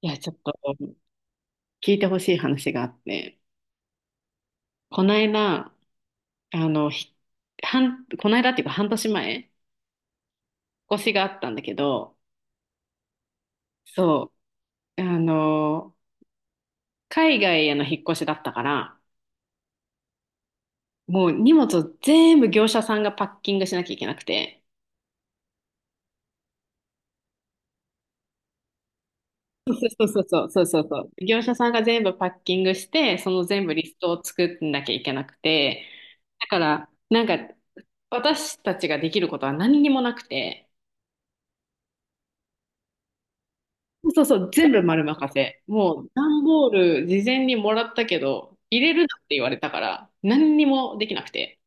いや、ちょっと聞いてほしい話があって、この間、あの、ひこの間っていうか半年前、引っ越しがあったんだけど、そう、海外への引っ越しだったから、もう荷物を全部業者さんがパッキングしなきゃいけなくて、そうそうそうそうそうそう。業者さんが全部パッキングして、その全部リストを作んなきゃいけなくて、だから、なんか私たちができることは何にもなくて、そうそう、全部丸任せ。もう、段ボール事前にもらったけど、入れるなって言われたから、何にもできなくて。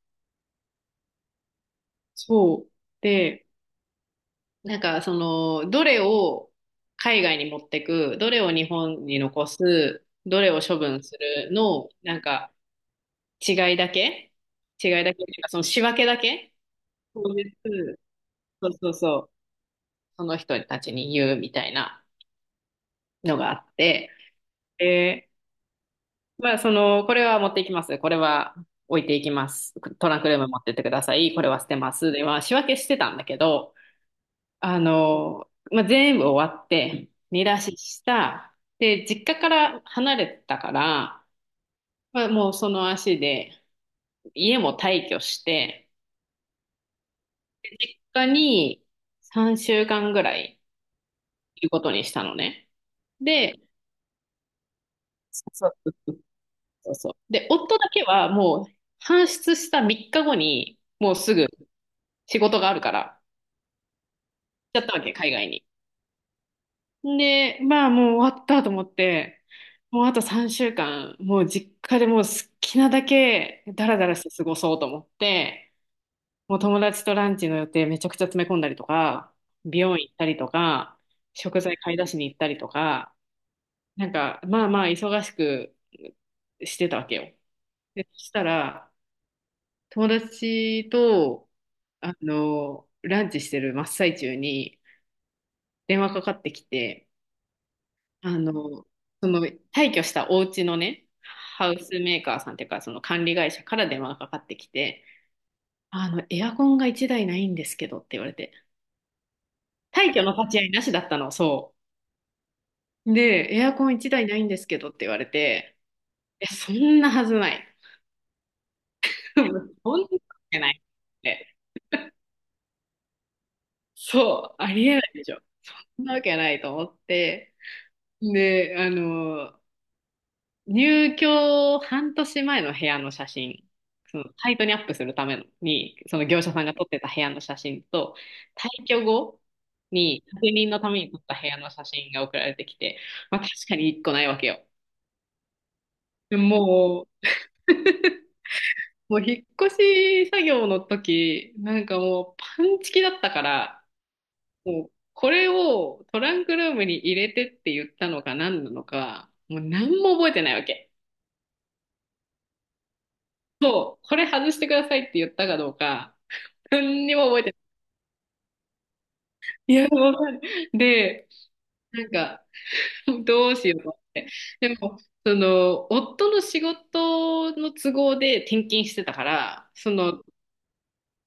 そう。で、なんか、どれを海外に持ってく、どれを日本に残す、どれを処分するの、なんか、違いだけ違いだけっていうか、その仕分けだけ当日、そうそうそう、その人たちに言うみたいなのがあって、で、まあ、これは持っていきます。これは置いていきます。トランクルーム持ってってください。これは捨てます。で、まあ、仕分けしてたんだけど、まあ、全部終わって、見出しした。で、実家から離れてたから、まあ、もうその足で、家も退去して、実家に3週間ぐらいいることにしたのね。で、そうそうそうそう。で、夫だけはもう、搬出した3日後に、もうすぐ、仕事があるから、行っちゃったわけ、海外に。で、まあもう終わったと思って、もうあと3週間、もう実家でもう好きなだけダラダラして過ごそうと思って、もう友達とランチの予定めちゃくちゃ詰め込んだりとか、美容院行ったりとか、食材買い出しに行ったりとか、なんかまあまあ忙しくしてたわけよ。で、そしたら、友達と、ランチしてる真っ最中に電話かかってきて、あの、その退去したお家のね、ハウスメーカーさんっていうか、その管理会社から電話がかかってきて、エアコンが1台ないんですけどって言われて、退去の立ち会いなしだったの、そう。で、エアコン1台ないんですけどって言われて、え、そんなはずない。そんなわけないって。そう、ありえないでしょ。そんなわけないと思って、で、入居半年前の部屋の写真、そのサイトにアップするためのに、その業者さんが撮ってた部屋の写真と、退去後に確認のために撮った部屋の写真が送られてきて、まあ確かに一個ないわけよ。でももう引っ越し作業の時、なんかもうパンチキだったから、もうこれをトランクルームに入れてって言ったのか何なのか、もう何も覚えてないわけ。そう、これ外してくださいって言ったかどうか、何にも覚えてない。いや、わかる。で、なんか、どうしようと思って。でも、夫の仕事の都合で転勤してたから、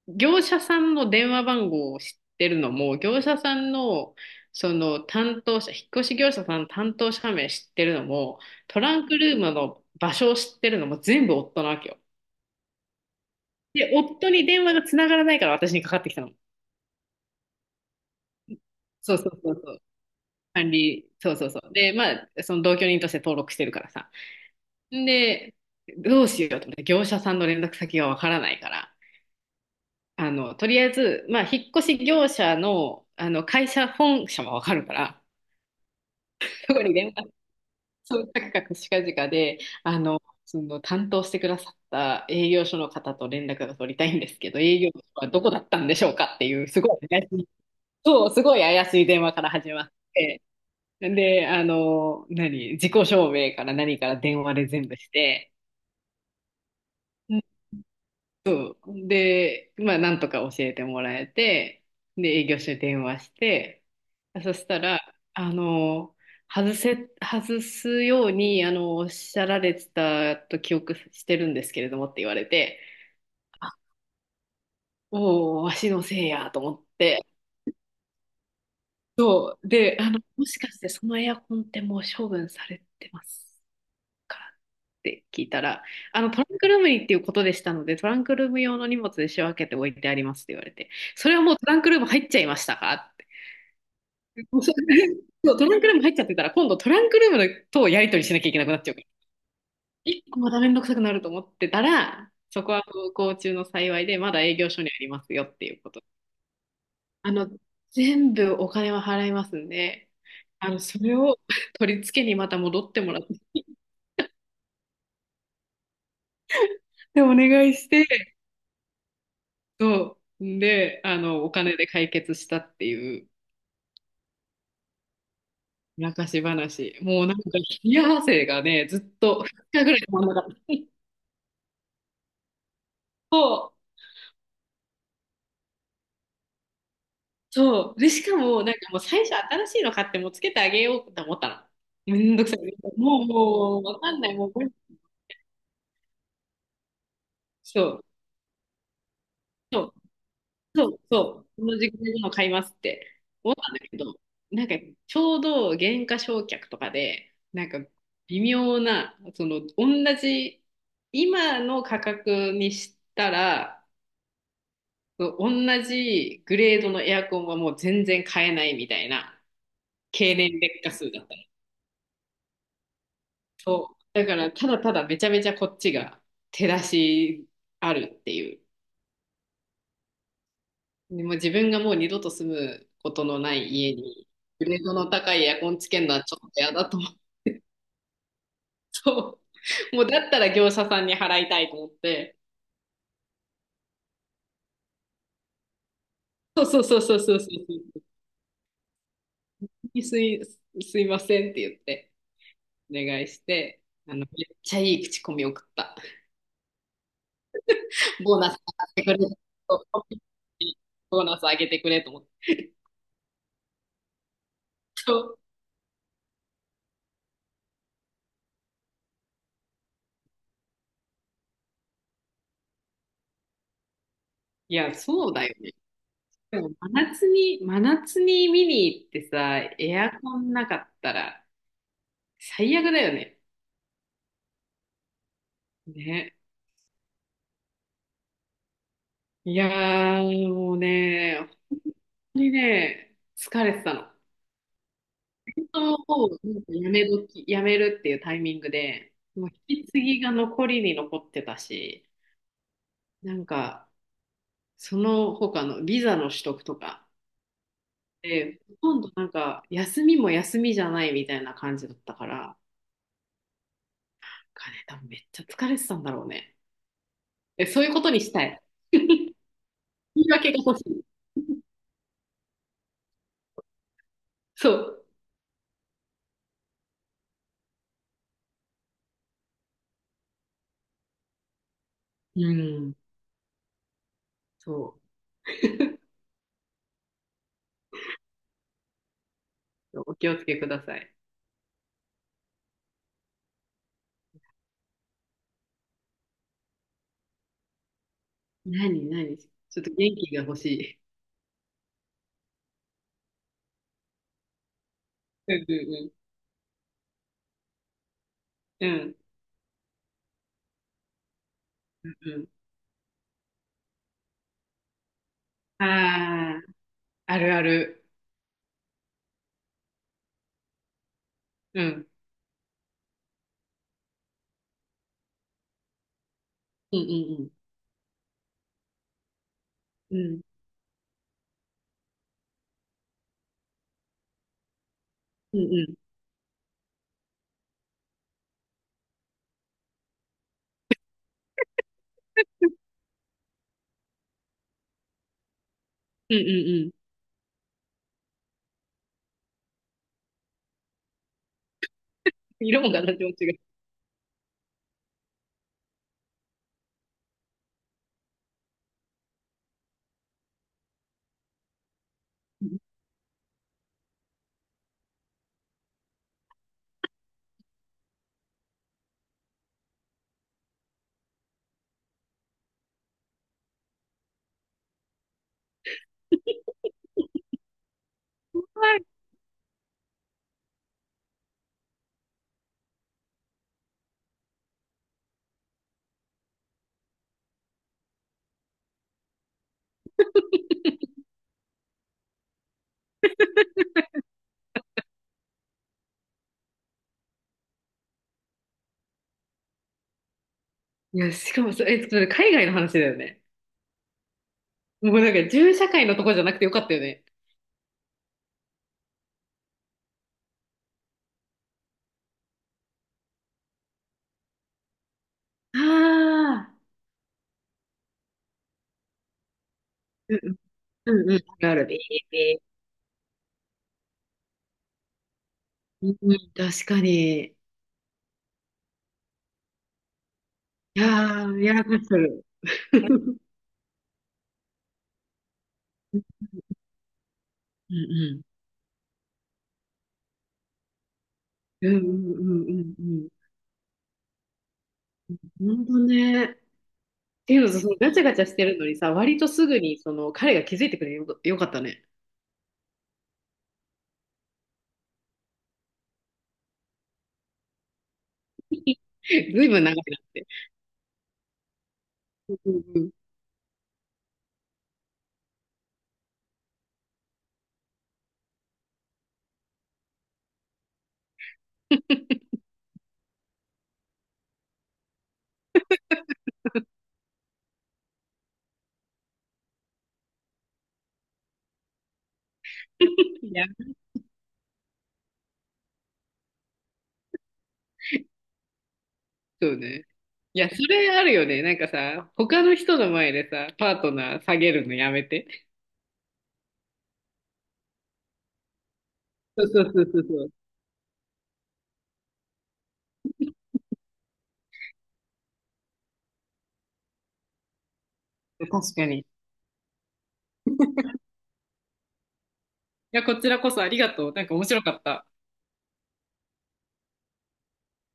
業者さんの電話番号を知ってるのも、業者さんの、その担当者、引っ越し業者さんの担当者名知ってるのも、トランクルームの場所を知ってるのも全部夫なわけよ。で、夫に電話がつながらないから私にかかってきたの。そうそうそうそう。そうそうそう。で、まあ、その同居人として登録してるからさ。で、どうしようと思って、業者さんの連絡先がわからないから、とりあえず、まあ、引っ越し業者の、会社本社もわかるから、そこに連絡、そう、カクカクしかじかで、あの、その担当してくださった営業所の方と連絡が取りたいんですけど、営業所はどこだったんでしょうかっていう、すごい怪しい、そう、すごい怪しい電話から始まって、で、自己証明から何から電話で全部して、で、まあ、なんとか教えてもらえて、で、営業所に電話して、そしたら、あの、外すように、おっしゃられてたと記憶してるんですけれどもって言われて、あ、おお、わしのせいやと思って、で、もしかしてそのエアコンってもう処分されてますからって聞いたら、トランクルームにっていうことでしたので、トランクルーム用の荷物で仕分けて置いてありますって言われて、それはもうトランクルーム入っちゃいましたかって。もうそれそう、トランクルーム入っちゃってたら、今度トランクルームとやり取りしなきゃいけなくなっちゃうから、一個まためんどくさくなると思ってたら、そこは不幸中の幸いで、まだ営業所にありますよっていうこと。あの、全部お金は払いますんで、それを取り付けにまた戻ってもらって、でお願いして、そう。んで、お金で解決したっていう昔話。もうなんか、冷や汗がね、ずっと2日ぐらい止まんなかった。そう、そう。で、しかも、なんかもう最初新しいの買ってもうつけてあげようと思ったの。めんどくさい。もう、わかんない。もう、そう、そう。そう、そう、この時間の買いますって思ったんだけど、なんかちょうど減価償却とかで、なんか微妙な、その同じ、今の価格にしたら、そう同じグレードのエアコンはもう全然買えないみたいな経年劣化数だったの。そう。だからただただめちゃめちゃこっちが手出しあるっていう。でも自分がもう二度と住むことのない家に、グレードの高いエアコンつけるのはちょっと嫌だと思って、そう もうだったら業者さんに払いたいと思って、そうそうそうそうそうそう、すい、すいませんって言って、お願いして、めっちゃいい口コミ送った。ボーナス上げてくれ、そうボーナス上げてくれと思って。そういや、そうだよね。でも真夏に、真夏に見に行ってさ、エアコンなかったら最悪だよね。ね。いやー、もうね、本当にね、疲れてたの。本当、もう、なんかやめるっていうタイミングで、もう引き継ぎが残りに残ってたし、なんか、その他のビザの取得とか、で、ほとんどなんか、休みも休みじゃないみたいな感じだったから、なんかね、多分めっちゃ疲れてたんだろうね。え、そういうことにしたい。言い訳が欲しい。そう。うん、そう。お気をつけください。何、何、ちょっと元気が欲しい。うんうんうん。うんうんうん。ああ、あるある。うん。うんうんうん。うんうんうん。うんうんうん。色も形も違う。はい。いや、しかもそれ海外の話だよね。もうなんか、銃社会のとこじゃなくてよかったよね。ああ、うんうん、うんうん、あるある。うんうん、確かに。いやー、やらかする。うんうん。うんうんうんうんうん。本当ね。っていうのと、そのガチャガチャしてるのにさ、割とすぐにその彼が気づいてくれよ、よかったね。ずいぶん長いなって。うんうん、いや、そうね。いや、それあるよね。なんかさ、他の人の前でさ、パートナー下げるのやめて。そうそうそうそうそう。確かに。いや、こちらこそありがとう。なんか面白かった。